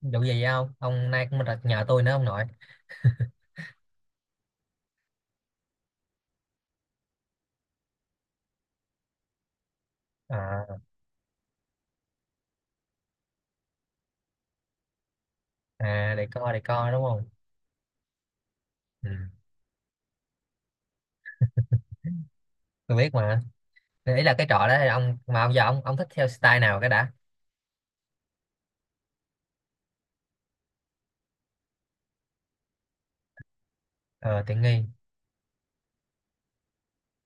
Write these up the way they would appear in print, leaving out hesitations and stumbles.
Đủ gì không ông nay cũng đặt nhờ tôi nữa ông nội. à, à, để co đúng không? Ừ, tôi biết mà. Thì ý là cái trọ đó là ông mà ông giờ ông thích theo style nào cái đã? Ờ, tiện nghi.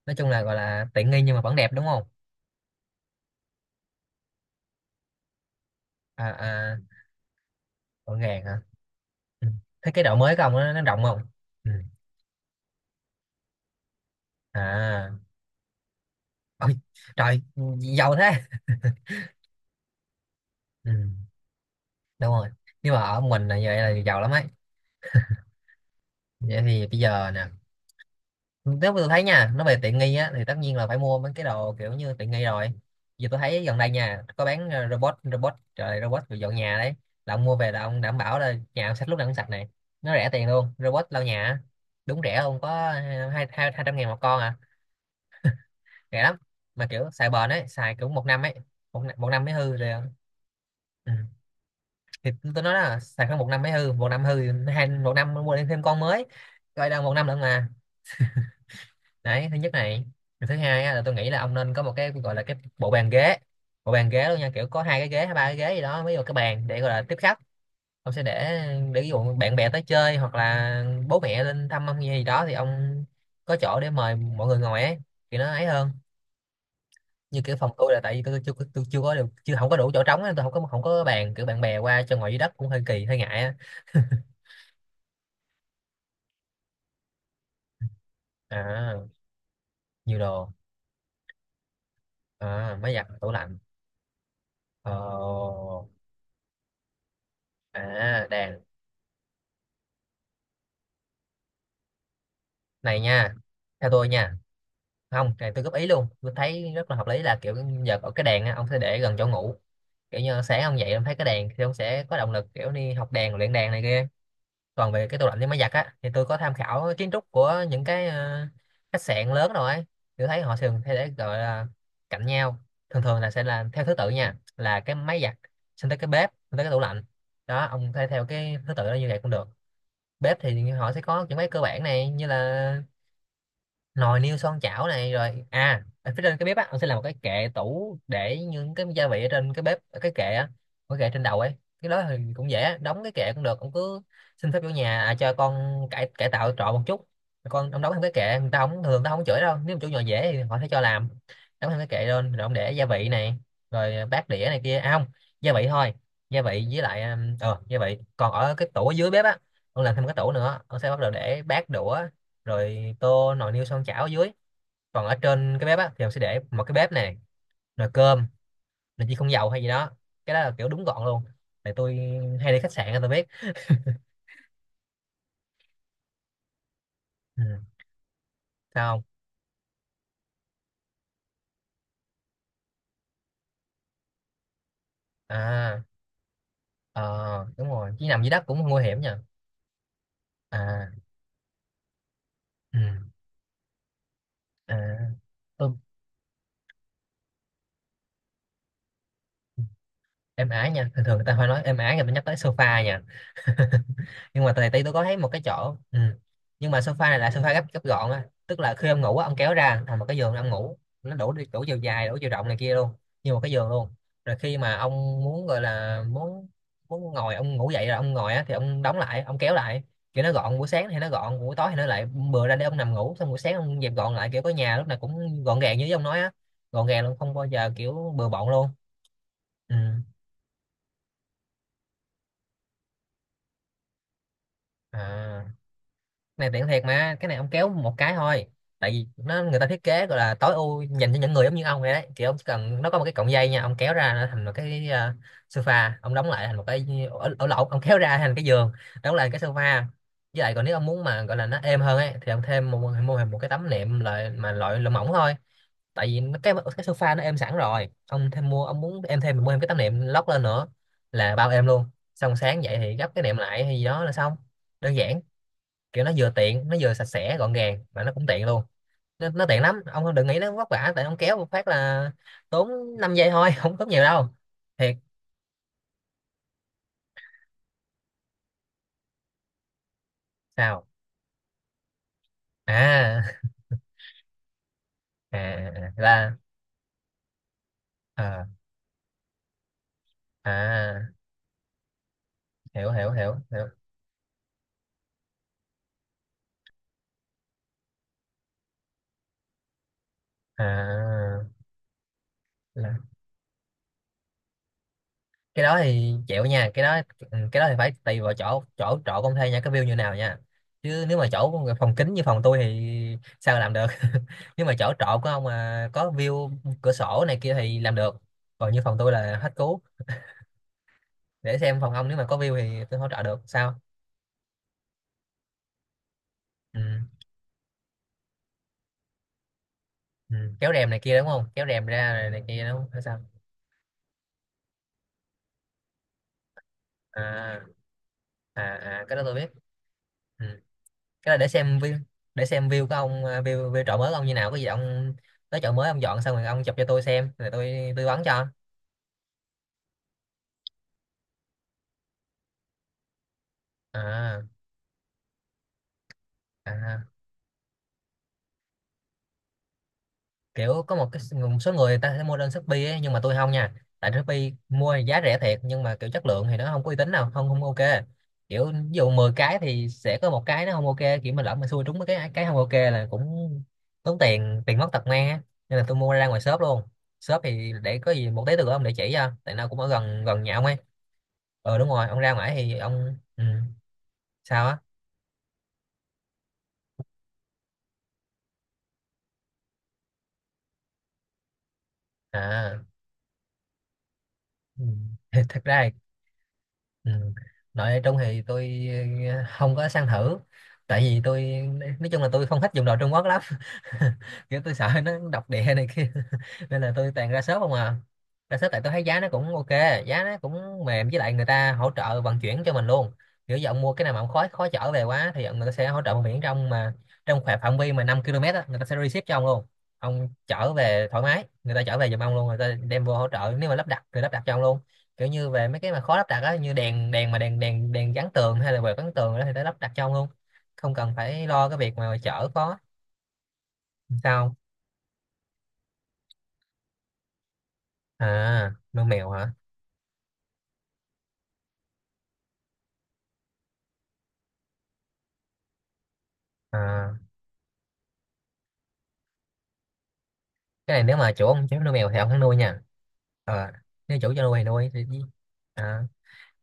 Nói chung là gọi là tiện nghi nhưng mà vẫn đẹp đúng không? À, gọn gàng hả? Ừ. Thế cái độ mới của ông nó rộng không? Ừ. À, ôi trời, giàu thế. Ừ, đúng rồi. Nhưng mà ở mình là giờ là giàu lắm ấy. Vậy thì bây giờ nè, nếu mà tôi thấy nha, nó về tiện nghi á thì tất nhiên là phải mua mấy cái đồ kiểu như tiện nghi rồi. Giờ tôi thấy gần đây nha có bán, ờ, robot robot trời, robot về dọn nhà đấy. Là ông mua về là ông đảm bảo là nhà ông sạch, lúc nào cũng sạch này. Nó rẻ tiền luôn, robot lau nhà á. Đúng, rẻ luôn, có hai hai 200.000 một con à? Rẻ lắm. Mà kiểu xài bền ấy, xài kiểu một năm ấy. Một năm mới hư rồi. Ừ. Thì tôi nói là xài khoảng một năm mới hư, một năm hư thì một năm mua thêm con mới. Coi đâu một năm nữa mà. Đấy, thứ nhất này. Rồi thứ hai á, là tôi nghĩ là ông nên có một cái gọi là cái bộ bàn ghế. Bộ bàn ghế luôn nha, kiểu có hai cái ghế hay ba cái ghế gì đó, mới vào cái bàn để gọi là tiếp khách. Ông sẽ để ví dụ bạn bè tới chơi hoặc là bố mẹ lên thăm ông gì đó thì ông có chỗ để mời mọi người ngồi ấy. Thì nó ấy hơn. Như kiểu phòng tôi là tại vì tôi chưa có được, chưa không có đủ chỗ trống nên tôi không có bàn, kiểu bạn bè qua cho ngồi dưới đất cũng hơi kỳ hơi ngại á. À, nhiều đồ. À, máy giặt tủ lạnh. Ờ. À, đèn. Này nha, theo tôi nha. Không, này tôi góp ý luôn, tôi thấy rất là hợp lý là kiểu giờ ở cái đèn á, ông sẽ để gần chỗ ngủ. Kiểu như sáng ông dậy ông thấy cái đèn thì ông sẽ có động lực kiểu đi học đèn, luyện đèn này kia. Còn về cái tủ lạnh với máy giặt á thì tôi có tham khảo kiến trúc của những cái, khách sạn lớn rồi ấy. Tôi thấy họ thường hay để gọi là cạnh nhau. Thường thường là sẽ là theo thứ tự nha, là cái máy giặt, xong tới cái bếp, xong tới cái tủ lạnh. Đó, ông thay theo cái thứ tự đó, như vậy cũng được. Bếp thì họ sẽ có những cái cơ bản này, như là nồi niêu xoong chảo này, rồi à, ở phía trên cái bếp á ông sẽ làm một cái kệ tủ để những cái gia vị ở trên cái bếp, ở cái kệ á. Cái kệ trên đầu ấy. Cái đó thì cũng dễ á, đóng cái kệ cũng được, ông cứ xin phép chủ nhà, à, cho con cải cải tạo trọ một chút. Con ông đóng thêm cái kệ, người ta không thường, người ta không chửi đâu, nếu mà chủ nhà dễ thì họ sẽ cho làm. Đóng thêm cái kệ lên rồi ông để gia vị này, rồi bát đĩa này kia. À không, gia vị thôi. Gia vị với lại, gia vị còn ở cái tủ ở dưới bếp á. Ông làm thêm cái tủ nữa, ông sẽ bắt đầu để bát đũa, rồi tô, nồi niêu xoong chảo ở dưới. Còn ở trên cái bếp á thì mình sẽ để một cái bếp này, nồi cơm, nồi chi không dầu hay gì đó. Cái đó là kiểu đúng gọn luôn. Tại tôi hay đi khách sạn á, tôi biết. Ừ. Sao không? À, ờ, đúng rồi, chứ nằm dưới đất cũng nguy hiểm nha. À. Ừ. À, tôi, em ái nha, thường thường người ta phải nói em ái, người ta nhắc tới sofa nha. Nhưng mà tại tí tôi có thấy một cái chỗ. Ừ. Nhưng mà sofa này là sofa gấp gấp gọn á, tức là khi ông ngủ á, ông kéo ra thành một cái giường ông ngủ. Nó đủ đủ chiều dài, đủ chiều rộng này kia luôn. Như một cái giường luôn. Rồi khi mà ông muốn gọi là muốn muốn ngồi, ông ngủ dậy là ông ngồi á thì ông đóng lại, ông kéo lại. Kiểu nó gọn, buổi sáng thì nó gọn, buổi tối thì nó lại bừa ra để ông nằm ngủ, xong buổi sáng ông dẹp gọn lại, kiểu có nhà lúc nào cũng gọn gàng như ông nói á. Gọn gàng luôn, không bao giờ kiểu bừa bộn luôn. Ừ. À. Này tiện thiệt mà, cái này ông kéo một cái thôi. Tại vì nó, người ta thiết kế gọi là tối ưu dành cho những người giống như ông vậy đấy, kiểu ông chỉ cần, nó có một cái cọng dây nha, ông kéo ra nó thành một cái, sofa, ông đóng lại thành một cái, ở, ở lỗ, ông kéo ra thành cái giường, đóng lại cái sofa. Với lại còn nếu ông muốn mà gọi là nó êm hơn ấy thì ông thêm một, mua thêm một cái tấm nệm, loại mà loại loại mỏng thôi. Tại vì cái sofa nó êm sẵn rồi, ông thêm mua, ông muốn em thêm, mình mua thêm cái tấm nệm lót lên nữa là bao êm luôn. Xong sáng dậy thì gấp cái nệm lại hay gì đó là xong. Đơn giản. Kiểu nó vừa tiện, nó vừa sạch sẽ gọn gàng mà nó cũng tiện luôn. Nó tiện lắm, ông đừng nghĩ nó vất vả, tại ông kéo một phát là tốn 5 giây thôi. Không tốn nhiều đâu, thiệt. Sao? À, là. à, à, hiểu, hiểu, hiểu, hiểu. À, là cái đó thì chịu nha, cái đó. Ừ, cái đó thì phải tùy vào chỗ chỗ chỗ công thuê nha, cái view như nào nha. Chứ nếu mà chỗ phòng kính như phòng tôi thì sao làm được. Nhưng mà chỗ trọ của ông mà có view, cửa sổ này kia thì làm được. Còn như phòng tôi là hết cứu. Để xem phòng ông, nếu mà có view thì tôi hỗ trợ được. Sao? Ừ. Ừ, kéo rèm này kia đúng không, kéo rèm ra này, này kia đúng không hay sao? À, à, à cái đó tôi biết. Ừ, cái đó để xem view. Để xem view của ông, à, view chợ mới của ông như nào, có gì ông tới chợ mới ông dọn xong rồi, ông chụp cho tôi xem rồi tôi tư vấn cho. À, à kiểu có một số người ta sẽ mua lên Shopee ấy, nhưng mà tôi không nha. Tại Shopee mua thì giá rẻ thiệt nhưng mà kiểu chất lượng thì nó không có uy tín, nào không, không ok. Kiểu ví dụ 10 cái thì sẽ có một cái nó không ok. Kiểu mà lỡ mà xui trúng mấy cái không ok là cũng tốn tiền, tiền mất tật mang á. Nên là tôi mua ra ngoài shop luôn. Shop thì để có gì một tí từ ông để chỉ cho, tại nó cũng ở gần gần nhà ông ấy. Ờ đúng rồi, ông ra ngoài thì ông. Ừ. Sao á? À. Ừ. Thật ra. Ừ. Nội Trung thì tôi không có sang thử. Tại vì tôi Nói chung là tôi không thích dùng đồ Trung Quốc lắm. Kiểu tôi sợ nó độc địa này kia. Nên là tôi toàn ra shop không à. Ra shop tại tôi thấy giá nó cũng ok, giá nó cũng mềm, với lại người ta hỗ trợ vận chuyển cho mình luôn. Kiểu giờ ông mua cái nào mà ông khó khó chở về quá thì người ta sẽ hỗ trợ vận chuyển trong khoảng phạm vi mà 5 km á, người ta sẽ ship cho ông luôn. Ông chở về thoải mái, người ta chở về giùm ông luôn, người ta đem vô hỗ trợ, nếu mà lắp đặt thì lắp đặt cho ông luôn. Kiểu như về mấy cái mà khó lắp đặt á, như đèn đèn mà đèn đèn đèn gắn tường hay là về gắn tường đó thì nó lắp đặt cho ông luôn, không cần phải lo cái việc mà chở có. Sao? À, nuôi mèo hả? À, cái này nếu mà chủ ông cho phép nuôi mèo thì ông hắn nuôi nha. Ờ, nếu chủ cho nuôi thì, à,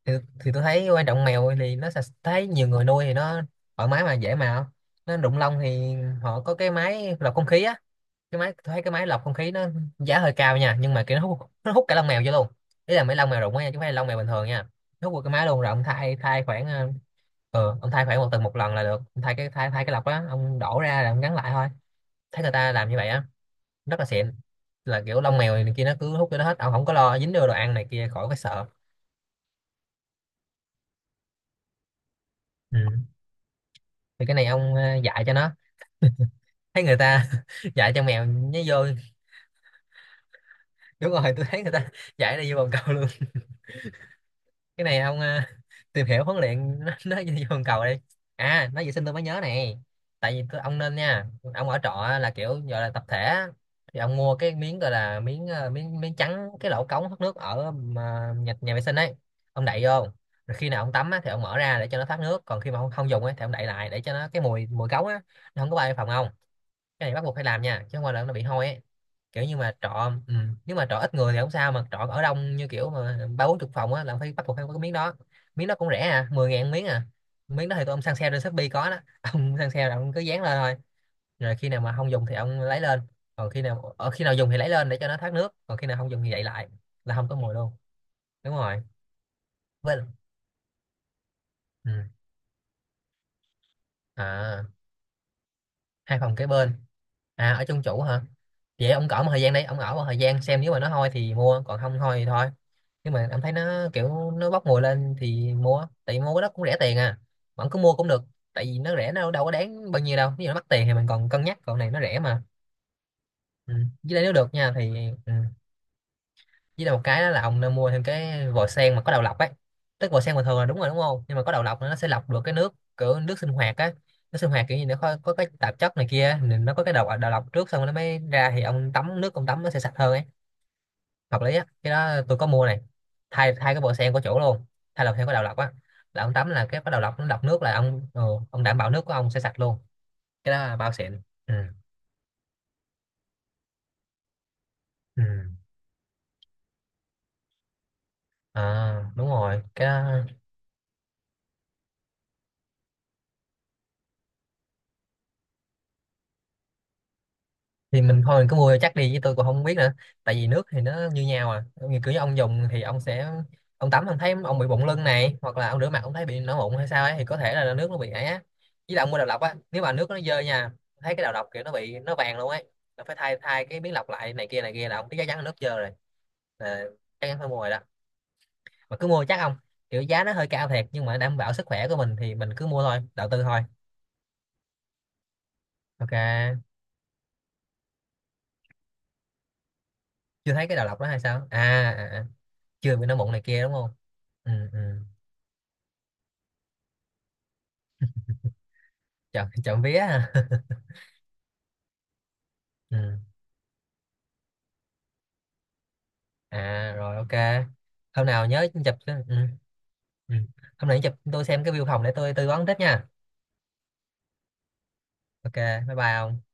thì, thì tôi thấy quan trọng, mèo thì nó sạch, thấy nhiều người nuôi thì nó thoải mái mà dễ mà. Nó đụng lông thì họ có cái máy lọc không khí á. Cái máy, tôi thấy cái máy lọc không khí nó giá hơi cao nha, nhưng mà kiểu nó hút cả lông mèo vô luôn. Ý là mấy lông mèo rụng á nha, chứ không phải là lông mèo bình thường nha. Nó hút vào cái máy luôn, rồi ông thay thay khoảng ông thay khoảng một tuần một lần là được. Ông thay cái thay thay cái lọc đó, ông đổ ra là ông gắn lại thôi. Thấy người ta làm như vậy á, rất là xịn, là kiểu lông mèo này kia nó cứ hút cho nó hết, ông không có lo dính vô đồ ăn này kia, khỏi phải sợ. Ừ. Thì cái này ông dạy cho nó, thấy người ta dạy cho mèo nó vô. Đúng rồi, tôi thấy người ta dạy nó vô bồn cầu luôn. Cái này ông tìm hiểu huấn luyện nó như vòng cầu đây. À, nói vệ sinh tôi mới nhớ này. Ông nên nha. Ông ở trọ á, là kiểu gọi là tập thể á, thì ông mua cái miếng, gọi là miếng miếng miếng trắng cái lỗ cống thoát nước ở mà nhà vệ sinh ấy. Ông đậy vô rồi khi nào ông tắm á thì ông mở ra để cho nó thoát nước, còn khi mà ông không dùng ấy thì ông đậy lại để cho nó cái mùi mùi cống á nó không có bay vào phòng ông. Cái này bắt buộc phải làm nha, chứ không qua là nó bị hôi ấy. Kiểu như mà trọ, ừ. Nếu mà trọ ít người thì không sao, mà trọ ở đông như kiểu mà ba bốn chục phòng á là phải bắt buộc phải có cái miếng đó. Miếng đó cũng rẻ à, 10.000 miếng à. Miếng đó thì tụi ông săn sale trên Shopee có đó, ông săn sale là ông cứ dán lên thôi. Rồi khi nào mà không dùng thì ông lấy lên, còn khi nào dùng thì lấy lên để cho nó thoát nước, còn khi nào không dùng thì đậy lại là không có mùi luôn. Đúng rồi. Với, ừ. À, hai phòng kế bên. À, ở trong chủ hả? Vậy ông cỡ một thời gian đây, ông ở một thời gian xem nếu mà nó hôi thì mua, còn không hôi thì thôi. Nhưng mà ông thấy nó kiểu nó bốc mùi lên thì mua, tại vì mua cái đó cũng rẻ tiền à, mà ông cứ mua cũng được, tại vì nó rẻ, nó đâu có đáng bao nhiêu đâu, nếu nó mắc tiền thì mình còn cân nhắc, còn này nó rẻ mà. Ừ. Với lại nếu được nha thì, ừ, với lại một cái đó là ông nên mua thêm cái vòi sen mà có đầu lọc ấy. Tức vòi sen bình thường là đúng rồi đúng không, nhưng mà có đầu lọc nó sẽ lọc được cái nước, kiểu nước sinh hoạt á. Nước sinh hoạt kiểu như nó có cái tạp chất này kia, nên nó có cái đầu đầu lọc trước xong rồi nó mới ra, thì ông tắm nước, ông tắm nó sẽ sạch hơn ấy, hợp lý á, cái đó tôi có mua này. Thay thay cái vòi sen của chỗ luôn, thay đầu theo cái đầu lọc á, là ông tắm là cái đầu lọc nó lọc nước, là ông ông đảm bảo nước của ông sẽ sạch luôn. Cái đó là bao xịn. Ừ. Ừ. À, đúng rồi, cái đó thì mình thôi, mình cứ mua chắc đi, chứ tôi cũng không biết nữa, tại vì nước thì nó như nhau à, như kiểu như ông dùng thì ông sẽ ông tắm, ông thấy ông bị bụng lưng này, hoặc là ông rửa mặt ông thấy bị nổi mụn hay sao ấy thì có thể là nước nó bị ấy á. Với lại ông mua đầu lọc á, nếu mà nước nó dơ nha, thấy cái đầu lọc kiểu nó bị nó vàng luôn ấy, là phải thay thay cái miếng lọc lại, này kia là ông thấy chắc chắn là nước dơ rồi, là chắc chắn phải mua rồi đó, mà cứ mua chắc không. Kiểu giá nó hơi cao thiệt, nhưng mà đảm bảo sức khỏe của mình thì mình cứ mua thôi, đầu tư thôi. Ok. Chưa thấy cái đầu lọc đó hay sao à? À, à. Chưa bị nó mụn này kia đúng không? Ừ, ừ. Chọn chọn vía à. Ừ. À rồi, ok. hôm nào nhớ chụp cái- Ừ. Ừ. Hôm nào nhớ chụp tôi xem cái view phòng để tôi tư vấn tiếp nha. Ok, bye bye ông.